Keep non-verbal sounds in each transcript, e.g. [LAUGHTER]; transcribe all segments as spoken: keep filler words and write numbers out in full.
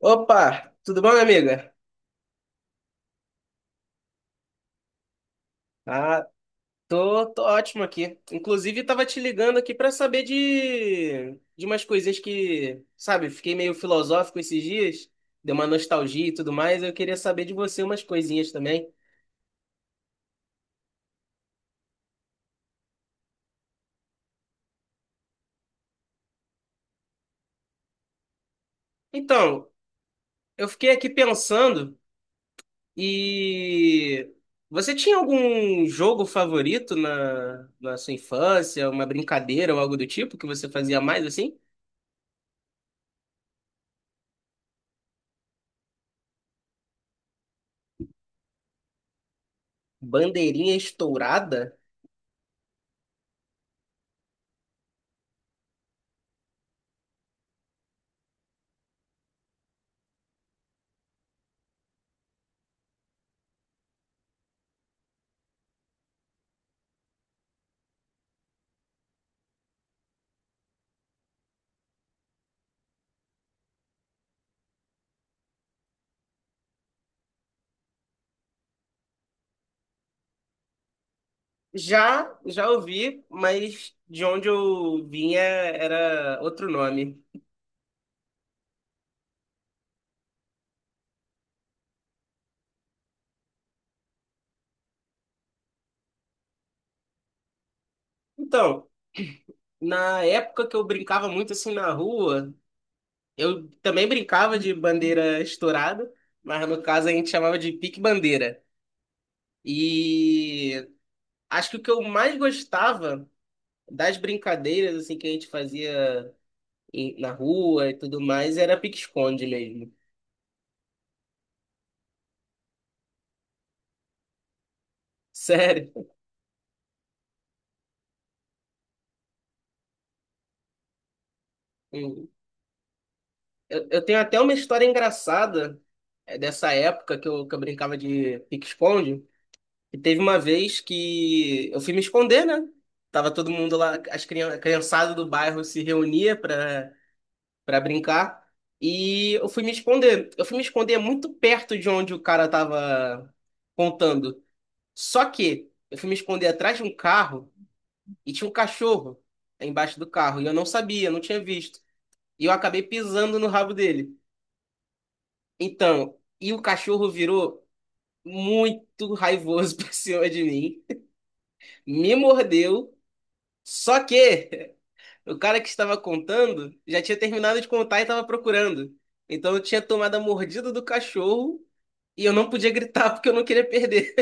Opa, tudo bom, minha amiga? Ah, tô, tô ótimo aqui. Inclusive, tava te ligando aqui pra saber de, de umas coisinhas que, sabe, fiquei meio filosófico esses dias, deu uma nostalgia e tudo mais. Eu queria saber de você umas coisinhas também. Então, eu fiquei aqui pensando e você tinha algum jogo favorito na, na sua infância, uma brincadeira ou algo do tipo que você fazia mais assim? Bandeirinha estourada? Já, já ouvi, mas de onde eu vinha era outro nome. Então, na época que eu brincava muito assim na rua, eu também brincava de bandeira estourada, mas no caso a gente chamava de pique-bandeira. E acho que o que eu mais gostava das brincadeiras assim que a gente fazia em- na rua e tudo mais era pique-esconde mesmo. [LAUGHS] Sério. Eu, eu tenho até uma história engraçada é, dessa época que eu, que eu brincava de pique-esconde. E teve uma vez que eu fui me esconder, né? Tava todo mundo lá, as crian- a criançada do bairro se reunia pra, pra brincar. E eu fui me esconder. Eu fui me esconder muito perto de onde o cara tava contando. Só que eu fui me esconder atrás de um carro e tinha um cachorro embaixo do carro. E eu não sabia, não tinha visto. E eu acabei pisando no rabo dele. Então, e o cachorro virou muito raivoso [LAUGHS] pra cima de mim, me mordeu, só que o cara que estava contando já tinha terminado de contar e estava procurando. Então eu tinha tomado a mordida do cachorro e eu não podia gritar [LAUGHS] porque eu não queria perder.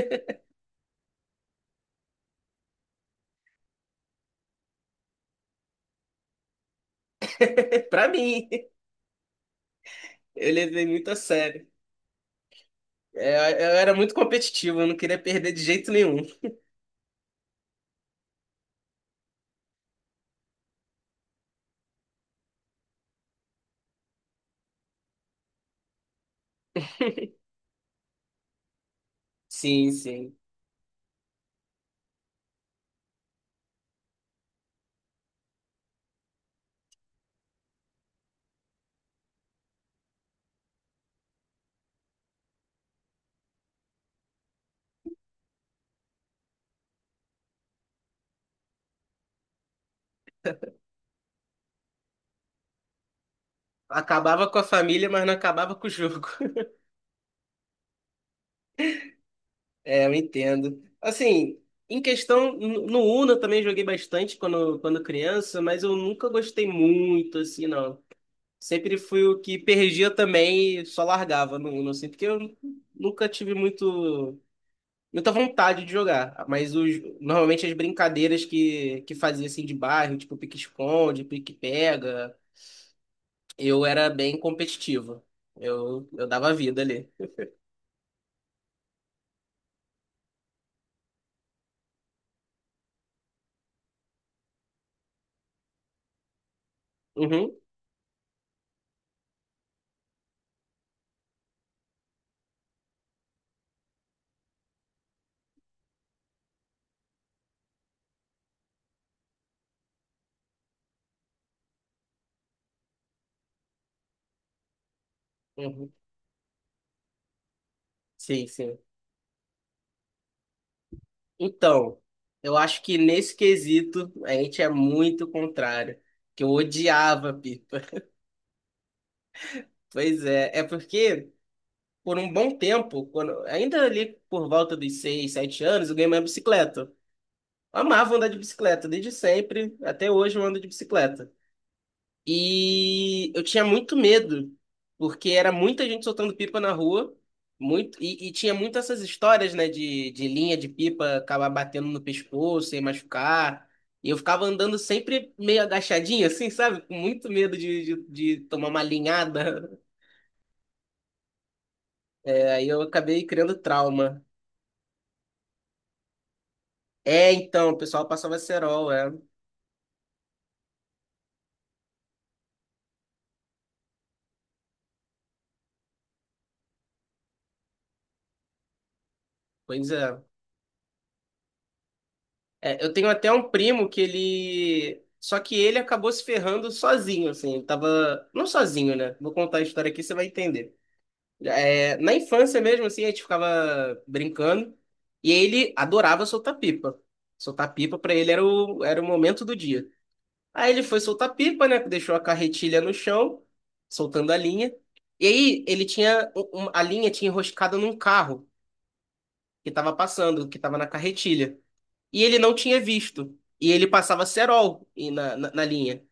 [LAUGHS] Pra mim, eu levei muito a sério. É, eu era muito competitivo, eu não queria perder de jeito nenhum. Sim, sim. Acabava com a família, mas não acabava com o jogo. É, eu entendo. Assim, em questão, no no Uno eu também joguei bastante quando, quando criança, mas eu nunca gostei muito, assim, não. Sempre fui o que perdia também e só largava no Uno, assim, porque eu nunca tive muito, muita vontade de jogar. Mas os, normalmente as brincadeiras que, que fazia, assim, de bairro, tipo pique-esconde, pique-pega, eu era bem competitivo. Eu, eu dava vida ali. Uhum, uhum. Sim, sim. Então, eu acho que nesse quesito a gente é muito contrário, que eu odiava pipa. [LAUGHS] Pois é, é porque por um bom tempo, quando- ainda ali por volta dos seis, sete anos, eu ganhei minha bicicleta. Eu amava andar de bicicleta, desde sempre, até hoje eu ando de bicicleta. E eu tinha muito medo, porque era muita gente soltando pipa na rua, muito, e, e tinha muito essas histórias, né, de, de linha de pipa acabar batendo no pescoço e machucar. E eu ficava andando sempre meio agachadinho, assim, sabe? Com muito medo de, de, de tomar uma linhada. É, aí eu acabei criando trauma. É, então, o pessoal passava cerol, é. Pois é. É, eu tenho até um primo que ele. Só que ele acabou se ferrando sozinho, assim. Ele tava. Não sozinho, né? Vou contar a história aqui, você vai entender. É, na infância mesmo, assim, a gente ficava brincando. E ele adorava soltar pipa. Soltar pipa pra ele era o, era o momento do dia. Aí ele foi soltar pipa, né? Deixou a carretilha no chão, soltando a linha. E aí ele tinha. um- um- A linha tinha enroscado num carro que tava passando, que tava na carretilha e ele não tinha visto. E ele passava cerol e na, na, na linha.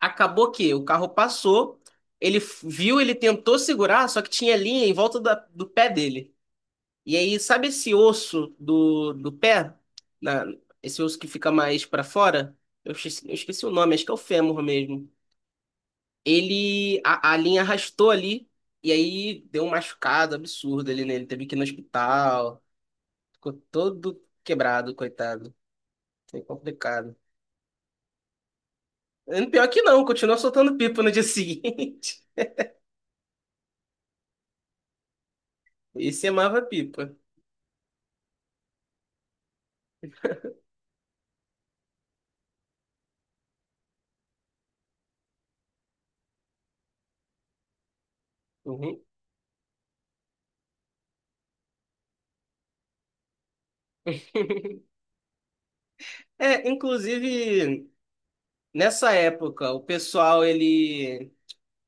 Acabou que o carro passou, ele f- viu, ele tentou segurar, só que tinha linha em volta da- do pé dele. E aí, sabe esse osso do, do pé? Na- esse osso que fica mais pra fora? Eu esqueci, eu esqueci o nome, acho que é o fêmur mesmo. Ele, a, a linha arrastou ali, e aí deu um machucado absurdo ali nele. Teve que ir no hospital, ficou todo quebrado, coitado. Foi complicado. Hum, Pior que não, continua soltando pipa no dia seguinte. [LAUGHS] Esse amava pipa. Uhum. [LAUGHS] É, inclusive, nessa época, o pessoal, ele...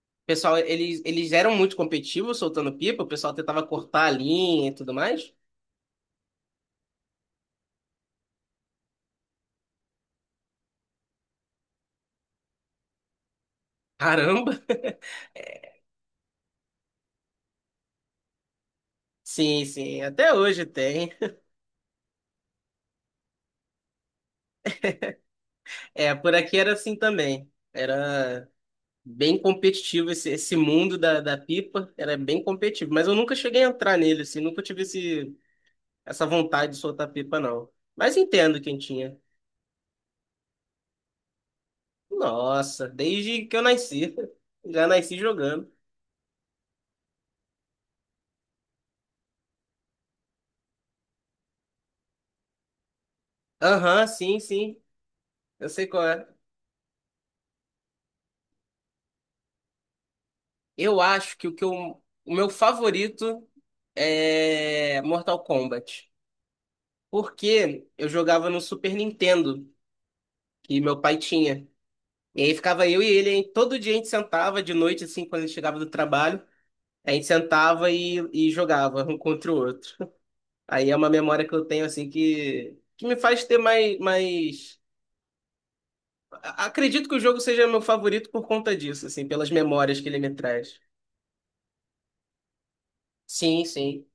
o pessoal, eles, eles eram muito competitivos soltando pipa, o pessoal tentava cortar a linha e tudo mais. Caramba! [LAUGHS] Sim, sim, até hoje tem. [LAUGHS] É, por aqui era assim também. Era bem competitivo esse, esse mundo da, da pipa, era bem competitivo. Mas eu nunca cheguei a entrar nele, assim, nunca tive esse, essa vontade de soltar pipa, não. Mas entendo quem tinha. Nossa, desde que eu nasci. [LAUGHS] Já nasci jogando. Aham, sim, sim. Eu sei qual é. Eu acho que o que eu, o meu favorito é Mortal Kombat. Porque eu jogava no Super Nintendo, que meu pai tinha. E aí ficava eu e ele, hein? Todo dia a gente sentava de noite, assim, quando ele chegava do trabalho, a gente sentava e, e jogava um contra o outro. Aí é uma memória que eu tenho, assim, que, que me faz ter mais, mais... a- Acredito que o jogo seja meu favorito por conta disso, assim, pelas memórias que ele me traz. Sim, sim.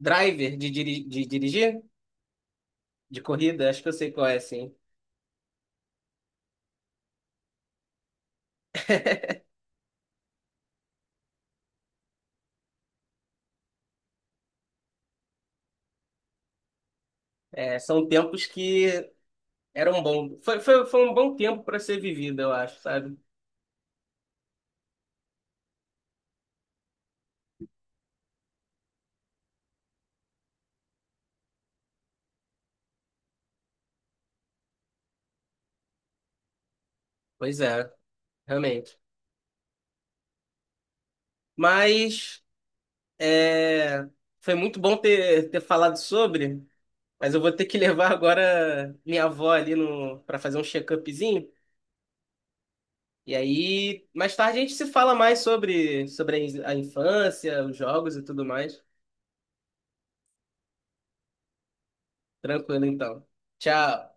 Driver de, diri... de dirigir? De corrida? Acho que eu sei qual é, sim. É, são tempos que eram bons. Foi, foi, foi um bom tempo para ser vivido, eu acho, sabe? Pois é, realmente. Mas é, foi muito bom ter, ter falado sobre. Mas eu vou ter que levar agora minha avó ali no para fazer um check-upzinho. E aí, mais tarde a gente se fala mais sobre, sobre a infância, os jogos e tudo mais. Tranquilo, então. Tchau.